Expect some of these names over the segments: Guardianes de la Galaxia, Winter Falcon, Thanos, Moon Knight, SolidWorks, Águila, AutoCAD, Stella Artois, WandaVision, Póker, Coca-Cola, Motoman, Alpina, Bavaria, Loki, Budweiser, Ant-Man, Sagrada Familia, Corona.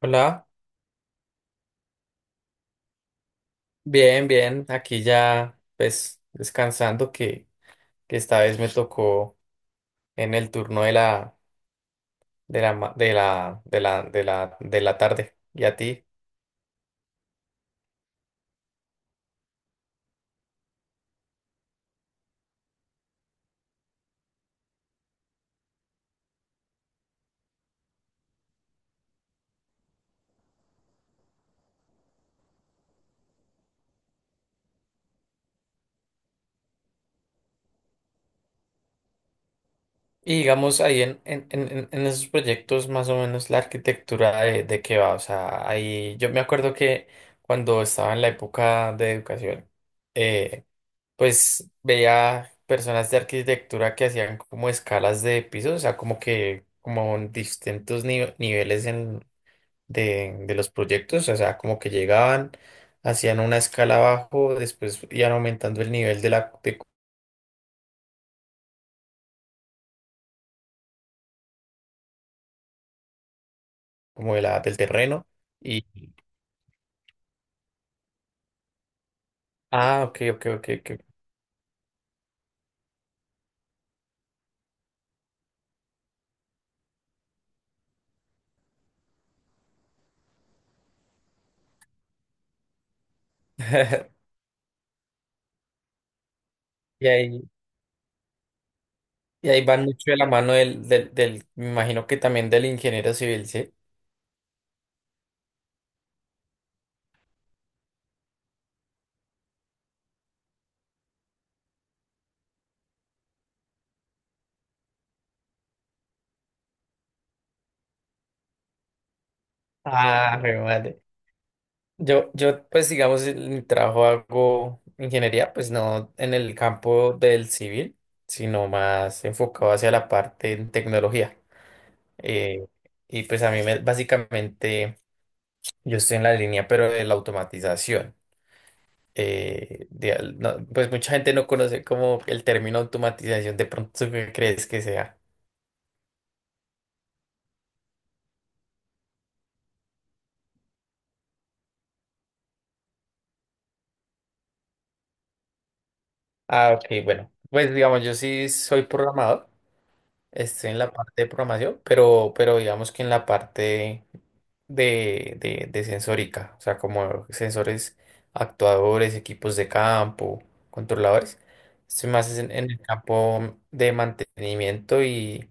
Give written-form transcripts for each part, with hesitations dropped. Hola, bien, bien, aquí ya pues descansando que esta vez me tocó en el turno de la ma- de la de la de la, de la tarde y a ti. Y digamos ahí en esos proyectos más o menos la arquitectura de qué va. O sea, ahí yo me acuerdo que cuando estaba en la época de educación, eh, pues veía personas de arquitectura que hacían como escalas de pisos, o sea, como que como en niveles de los proyectos, o sea, como que llegaban, hacían una escala abajo, después iban aumentando el nivel de como de la, del terreno. Y, ah, ok, ok, ok, ok. Y ahí, y ahí van mucho de la mano me imagino que también del ingeniero civil, ¿sí? Ah, re madre. Pues digamos, en mi trabajo hago ingeniería, pues no en el campo del civil, sino más enfocado hacia la parte en tecnología. Eh, y pues básicamente yo estoy en la línea, pero de la automatización. No, pues mucha gente no conoce como el término automatización, de pronto ¿tú qué crees que sea. Ah, ok, bueno, pues digamos, yo sí soy programador. Estoy en la parte de programación, pero digamos que en la parte de sensórica, o sea, como sensores actuadores, equipos de campo, controladores. Estoy más en el campo de mantenimiento y,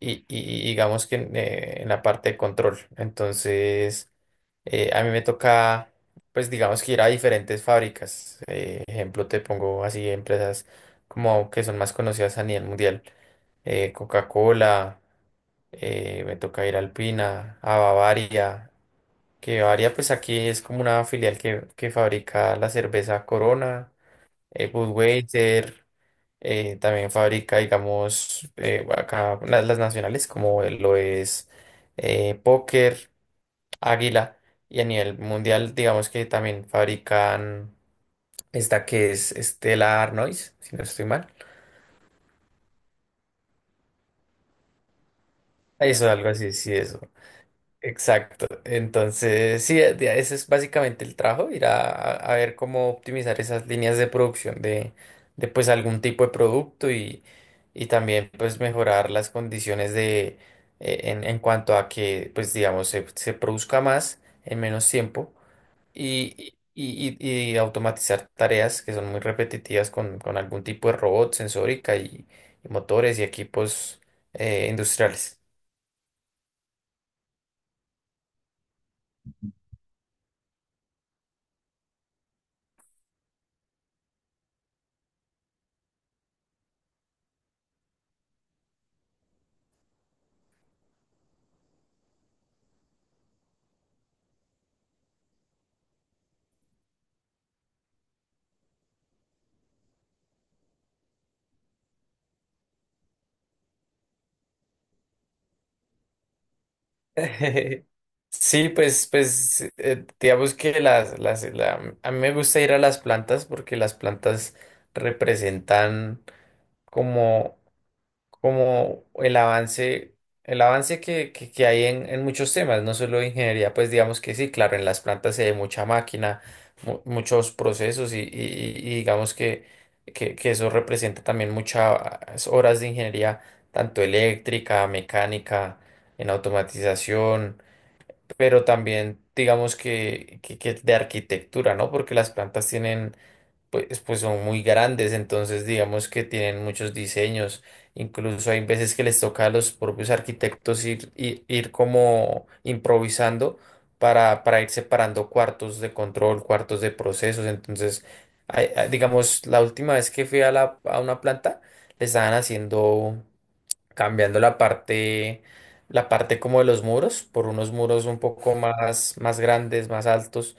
y, y- y digamos que en la parte de control. Entonces, a mí me toca, pues digamos que ir a diferentes fábricas. Ejemplo, te pongo así empresas como que son más conocidas a nivel mundial. Eh, Coca-Cola, me toca ir a Alpina, a Bavaria, que Bavaria pues aquí es como una filial que fabrica la cerveza Corona, Budweiser, también fabrica digamos acá las nacionales como lo es Póker. Águila. Y a nivel mundial, digamos que también fabrican esta que es Stella Artois, si no estoy mal. Eso, algo así, sí, eso. Exacto. Entonces, sí, ese es básicamente el trabajo, ir a ver cómo optimizar esas líneas de producción de pues algún tipo de producto y también pues mejorar las condiciones de en cuanto a que pues digamos se produzca más en menos tiempo y automatizar tareas que son muy repetitivas con algún tipo de robot, sensórica y motores y equipos industriales. Sí, pues, pues digamos que a mí me gusta ir a las plantas porque las plantas representan como como el avance que hay en muchos temas, no solo de ingeniería, pues digamos que sí, claro, en las plantas se hay mucha máquina, muchos procesos y digamos que eso representa también muchas horas de ingeniería, tanto eléctrica, mecánica, en automatización, pero también digamos que de arquitectura, ¿no? Porque las plantas tienen pues, pues son muy grandes, entonces digamos que tienen muchos diseños, incluso hay veces que les toca a los propios arquitectos ir como improvisando para ir separando cuartos de control, cuartos de procesos, entonces, digamos, la última vez que fui a una planta, le estaban haciendo, cambiando la parte como de los muros, por unos muros un poco más, más grandes, más altos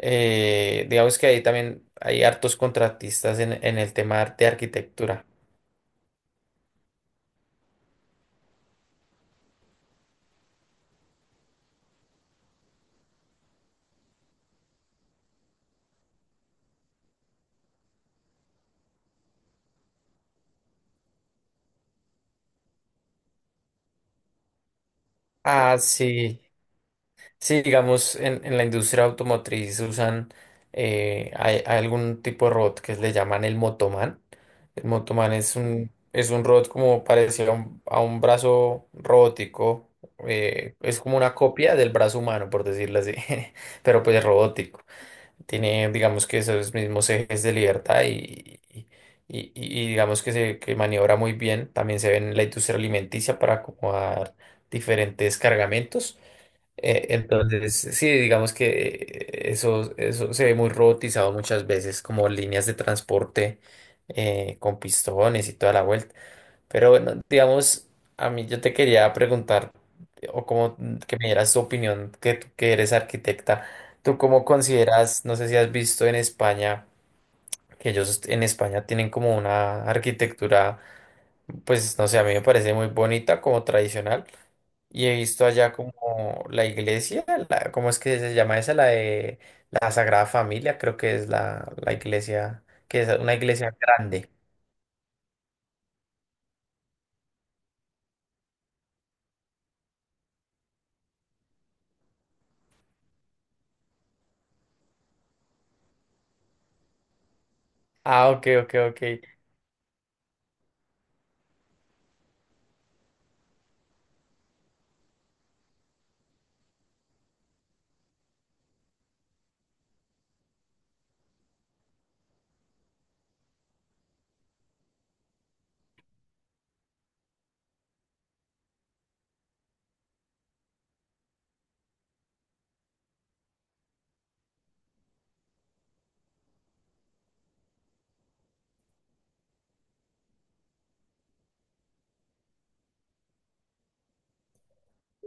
digamos que ahí también hay hartos contratistas en el tema de arquitectura. Ah, sí. Sí, digamos, en la industria automotriz usan hay algún tipo de robot que le llaman el Motoman. El Motoman es es un robot como parecido a a un brazo robótico. Eh, es como una copia del brazo humano, por decirlo así, pero pues robótico. Tiene, digamos que esos mismos ejes de libertad y digamos que se que maniobra muy bien. También se ve en la industria alimenticia para acomodar diferentes cargamentos. Entonces, sí, digamos que eso, eso se ve muy robotizado muchas veces, como líneas de transporte con pistones y toda la vuelta. Pero bueno, digamos, a mí yo te quería preguntar, o como que me dieras tu opinión, que tú que eres arquitecta, ¿tú cómo consideras, no sé si has visto en España, que ellos en España tienen como una arquitectura, pues no sé, a mí me parece muy bonita, como tradicional, y he visto allá como la iglesia, la, ¿cómo es que se llama esa? La de la Sagrada Familia, creo que es la iglesia, que es una iglesia grande. Ah, ok, ok, ok.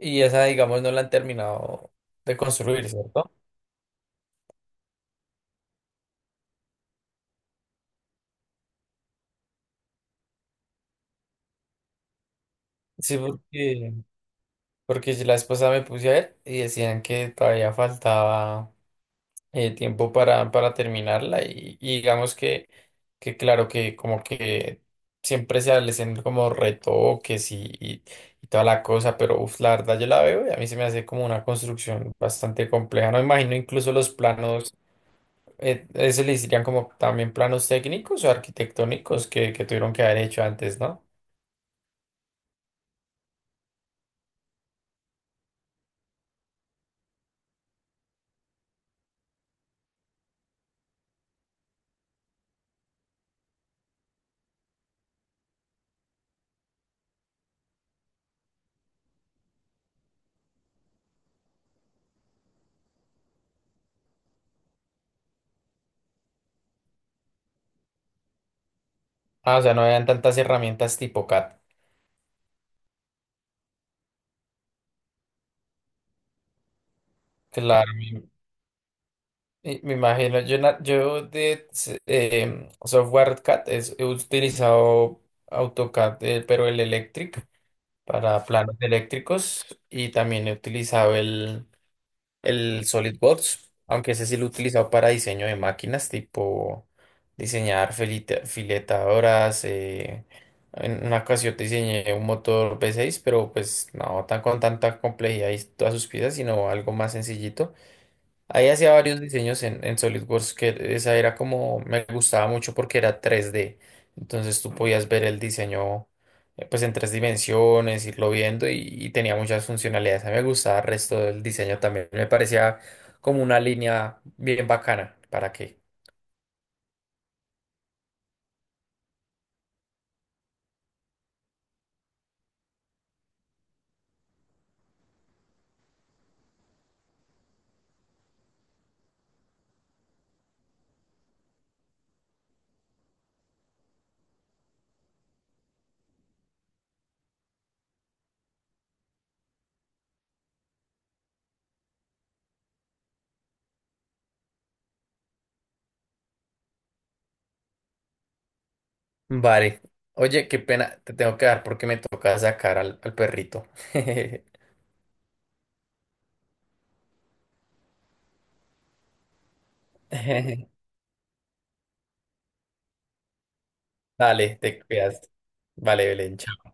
Y esa, digamos, no la han terminado de construir, ¿cierto? Sí, porque, porque si la esposa me puse a ver y decían que todavía faltaba tiempo para terminarla que claro que como que siempre se hacen como retoques y toda la cosa, pero uf, la verdad yo la veo y a mí se me hace como una construcción bastante compleja. No imagino incluso los planos, eso le dirían como también planos técnicos o arquitectónicos que tuvieron que haber hecho antes, ¿no? Ah, o sea, no habían tantas herramientas tipo CAD. Claro, no. Y me imagino. Yo, na- yo de s- em, software CAD he utilizado AutoCAD, pero el Electric para planos eléctricos y también he utilizado el SolidWorks, aunque ese sí lo he utilizado para diseño de máquinas, tipo diseñar filetadoras. Eh, en una ocasión diseñé un motor V6, pero pues no tan con tanta complejidad y todas sus piezas, sino algo más sencillito. Ahí hacía varios diseños en SolidWorks que esa era como, me gustaba mucho porque era tres d. Entonces tú podías ver el diseño pues en tres dimensiones, irlo viendo y tenía muchas funcionalidades. A mí me gustaba el resto del diseño también. Me parecía como una línea bien bacana. ¿Para qué? Vale. Oye, qué pena, te tengo que dar porque me toca sacar al perrito. Dale, te cuidas. Vale, Belén. Chao.